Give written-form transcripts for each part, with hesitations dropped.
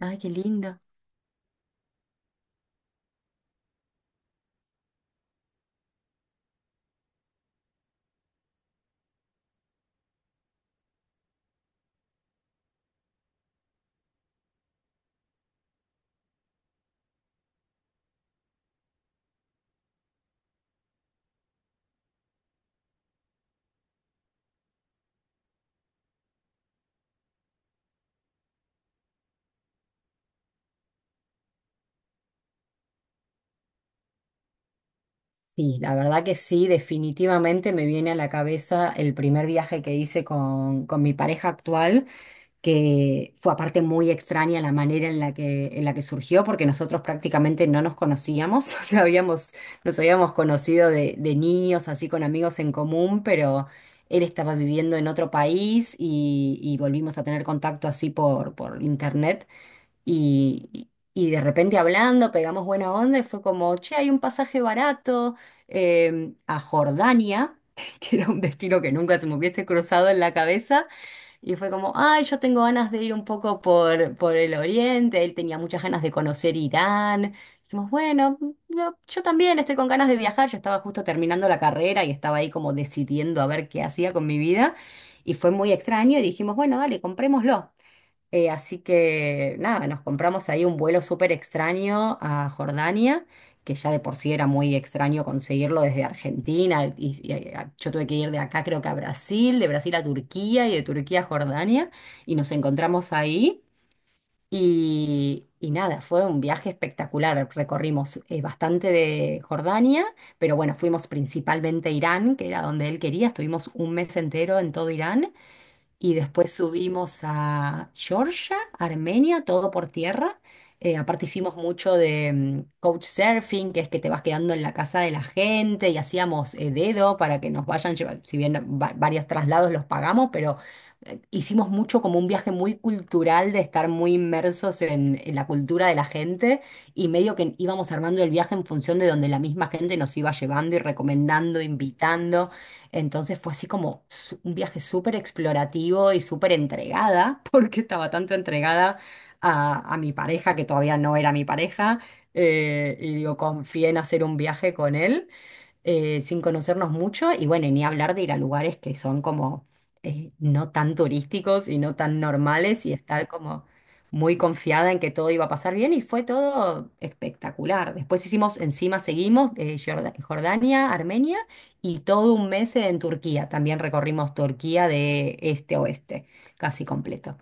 Ay, qué lindo. Sí, la verdad que sí, definitivamente me viene a la cabeza el primer viaje que hice con mi pareja actual, que fue aparte muy extraña la manera en la que surgió, porque nosotros prácticamente no nos conocíamos, o sea, nos habíamos conocido de niños, así con amigos en común, pero él estaba viviendo en otro país y volvimos a tener contacto así por internet. Y de repente hablando, pegamos buena onda y fue como, che, hay un pasaje barato a Jordania, que era un destino que nunca se me hubiese cruzado en la cabeza. Y fue como, ay, yo tengo ganas de ir un poco por el oriente. Él tenía muchas ganas de conocer Irán. Dijimos, bueno, no, yo también estoy con ganas de viajar. Yo estaba justo terminando la carrera y estaba ahí como decidiendo a ver qué hacía con mi vida. Y fue muy extraño y dijimos, bueno, dale, comprémoslo. Así que nada, nos compramos ahí un vuelo súper extraño a Jordania, que ya de por sí era muy extraño conseguirlo desde Argentina. Yo tuve que ir de acá, creo que a Brasil, de Brasil a Turquía y de Turquía a Jordania. Y nos encontramos ahí. Y nada, fue un viaje espectacular. Recorrimos bastante de Jordania, pero bueno, fuimos principalmente a Irán, que era donde él quería. Estuvimos un mes entero en todo Irán y después subimos a Georgia, Armenia, todo por tierra. Aparte hicimos mucho de couchsurfing, que es que te vas quedando en la casa de la gente y hacíamos dedo para que nos vayan si bien varios traslados los pagamos, pero hicimos mucho como un viaje muy cultural de estar muy inmersos en la cultura de la gente y medio que íbamos armando el viaje en función de donde la misma gente nos iba llevando y recomendando, invitando. Entonces fue así como un viaje súper explorativo y súper entregada, porque estaba tanto entregada a mi pareja, que todavía no era mi pareja, y digo, confié en hacer un viaje con él sin conocernos mucho y bueno, y ni hablar de ir a lugares que son como no tan turísticos y no tan normales y estar como muy confiada en que todo iba a pasar bien y fue todo espectacular. Después hicimos, encima seguimos, Jordania, Armenia y todo un mes en Turquía. También recorrimos Turquía de este a oeste, casi completo.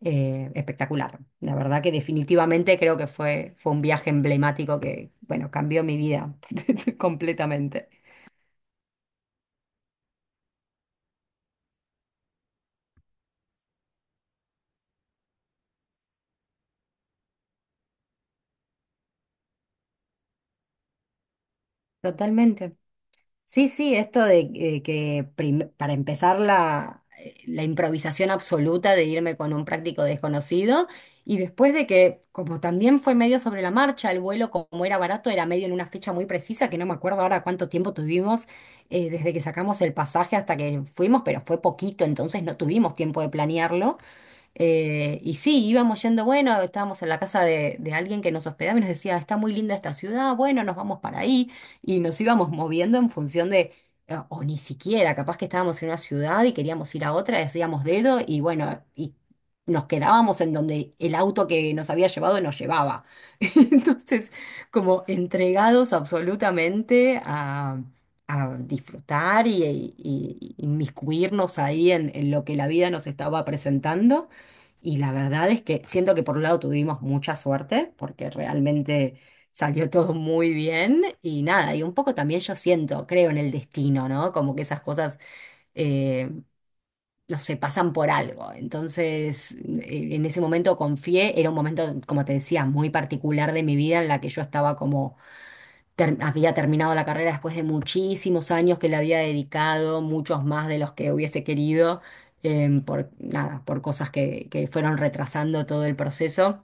Espectacular. La verdad que definitivamente creo que fue un viaje emblemático que, bueno, cambió mi vida completamente. Totalmente. Sí, sí, esto de para empezar la improvisación absoluta de irme con un práctico desconocido y después de que, como también fue medio sobre la marcha, el vuelo como era barato, era medio en una fecha muy precisa, que no me acuerdo ahora cuánto tiempo tuvimos desde que sacamos el pasaje hasta que fuimos, pero fue poquito, entonces no tuvimos tiempo de planearlo. Y sí, íbamos yendo, bueno, estábamos en la casa de alguien que nos hospedaba y nos decía, está muy linda esta ciudad, bueno, nos vamos para ahí. Y nos íbamos moviendo en función de, o ni siquiera, capaz que estábamos en una ciudad y queríamos ir a otra, decíamos dedo y bueno, y nos quedábamos en donde el auto que nos había llevado nos llevaba. Entonces, como entregados absolutamente a disfrutar y inmiscuirnos ahí en lo que la vida nos estaba presentando. Y la verdad es que siento que por un lado tuvimos mucha suerte, porque realmente salió todo muy bien y nada, y un poco también yo siento, creo en el destino, ¿no? Como que esas cosas, eh, no sé, pasan por algo. Entonces, en ese momento confié, era un momento, como te decía, muy particular de mi vida en la que yo estaba como había terminado la carrera después de muchísimos años que le había dedicado, muchos más de los que hubiese querido, por nada, por cosas que fueron retrasando todo el proceso.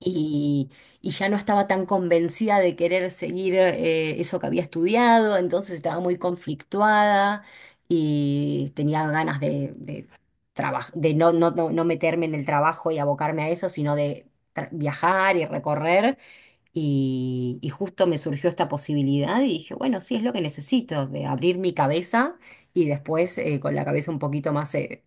Y, y ya no estaba tan convencida de querer seguir eso que había estudiado, entonces estaba muy conflictuada y tenía ganas de no, no meterme en el trabajo y abocarme a eso, sino de viajar y recorrer. Y justo me surgió esta posibilidad y dije, bueno, sí es lo que necesito, de abrir mi cabeza y después con la cabeza un poquito más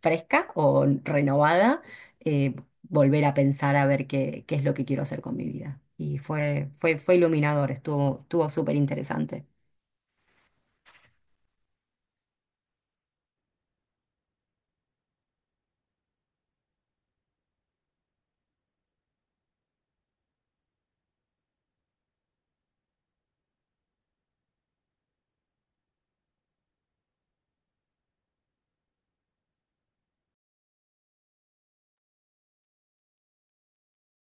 fresca o renovada, eh, volver a pensar a ver qué es lo que quiero hacer con mi vida. Y fue iluminador, estuvo súper interesante.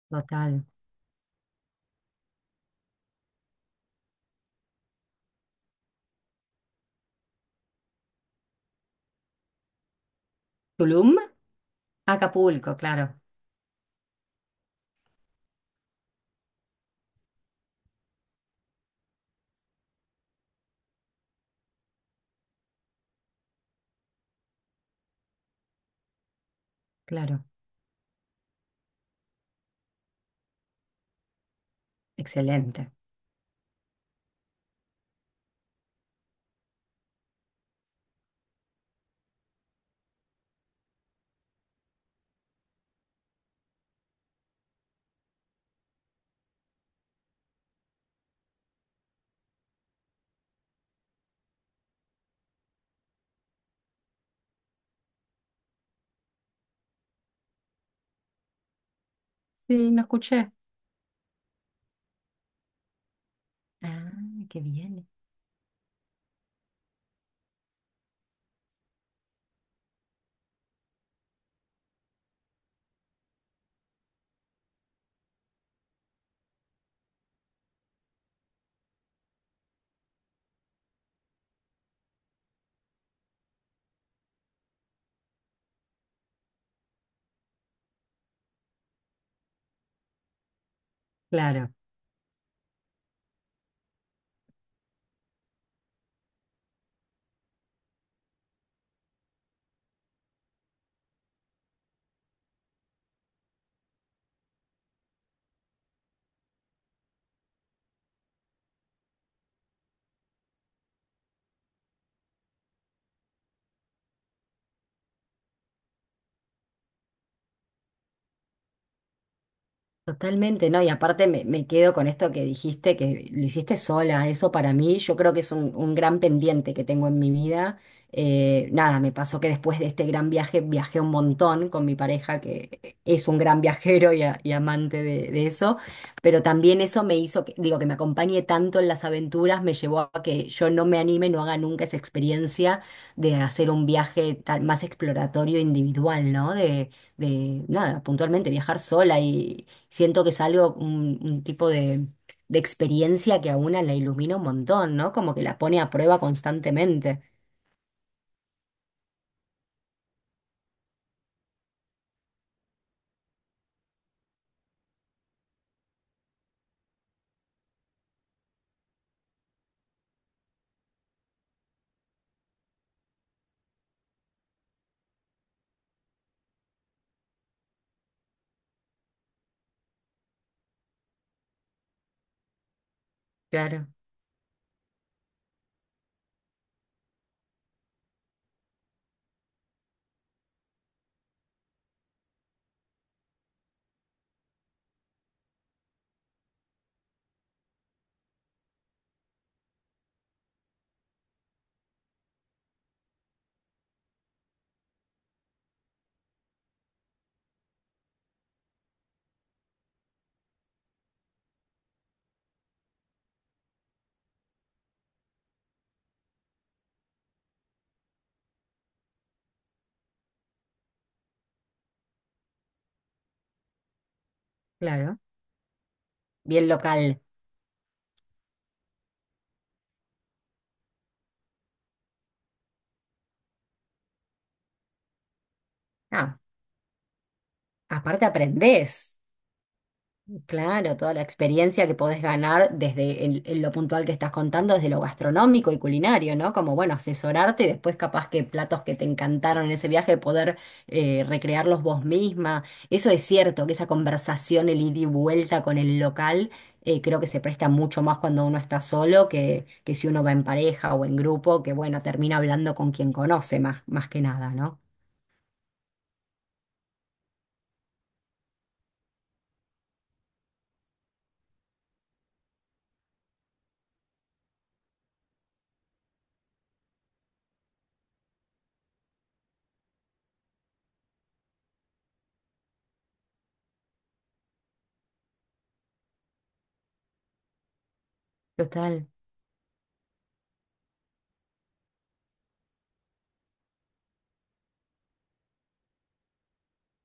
Total. Tulum, Acapulco, claro, claro. Excelente. Sí, no escuché. Ah, qué bien. Claro. Totalmente, no, y aparte me quedo con esto que dijiste, que lo hiciste sola, eso para mí yo creo que es un gran pendiente que tengo en mi vida. Nada, me pasó que después de este gran viaje viajé un montón con mi pareja, que es un gran viajero y amante de eso, pero también eso me hizo, que, digo, que me acompañe tanto en las aventuras, me llevó a que yo no me anime, no haga nunca esa experiencia de hacer un viaje más exploratorio individual, ¿no? De nada, puntualmente viajar sola Siento que es algo, un tipo de experiencia que a una la ilumina un montón, ¿no? Como que la pone a prueba constantemente. Claro, claro. Bien local. Ah, aparte aprendés. Claro, toda la experiencia que podés ganar desde lo puntual que estás contando, desde lo gastronómico y culinario, ¿no? Como, bueno, asesorarte y después capaz que platos que te encantaron en ese viaje, poder recrearlos vos misma. Eso es cierto, que esa conversación, el ida y vuelta con el local, creo que se presta mucho más cuando uno está solo que si uno va en pareja o en grupo, que bueno, termina hablando con quien conoce más, más que nada, ¿no? Total.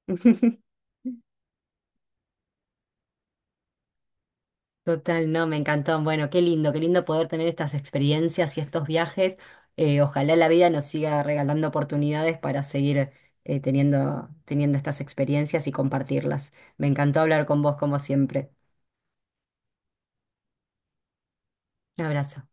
Total, no, me encantó. Bueno, qué lindo poder tener estas experiencias y estos viajes. Ojalá la vida nos siga regalando oportunidades para seguir teniendo estas experiencias y compartirlas. Me encantó hablar con vos como siempre. Un abrazo.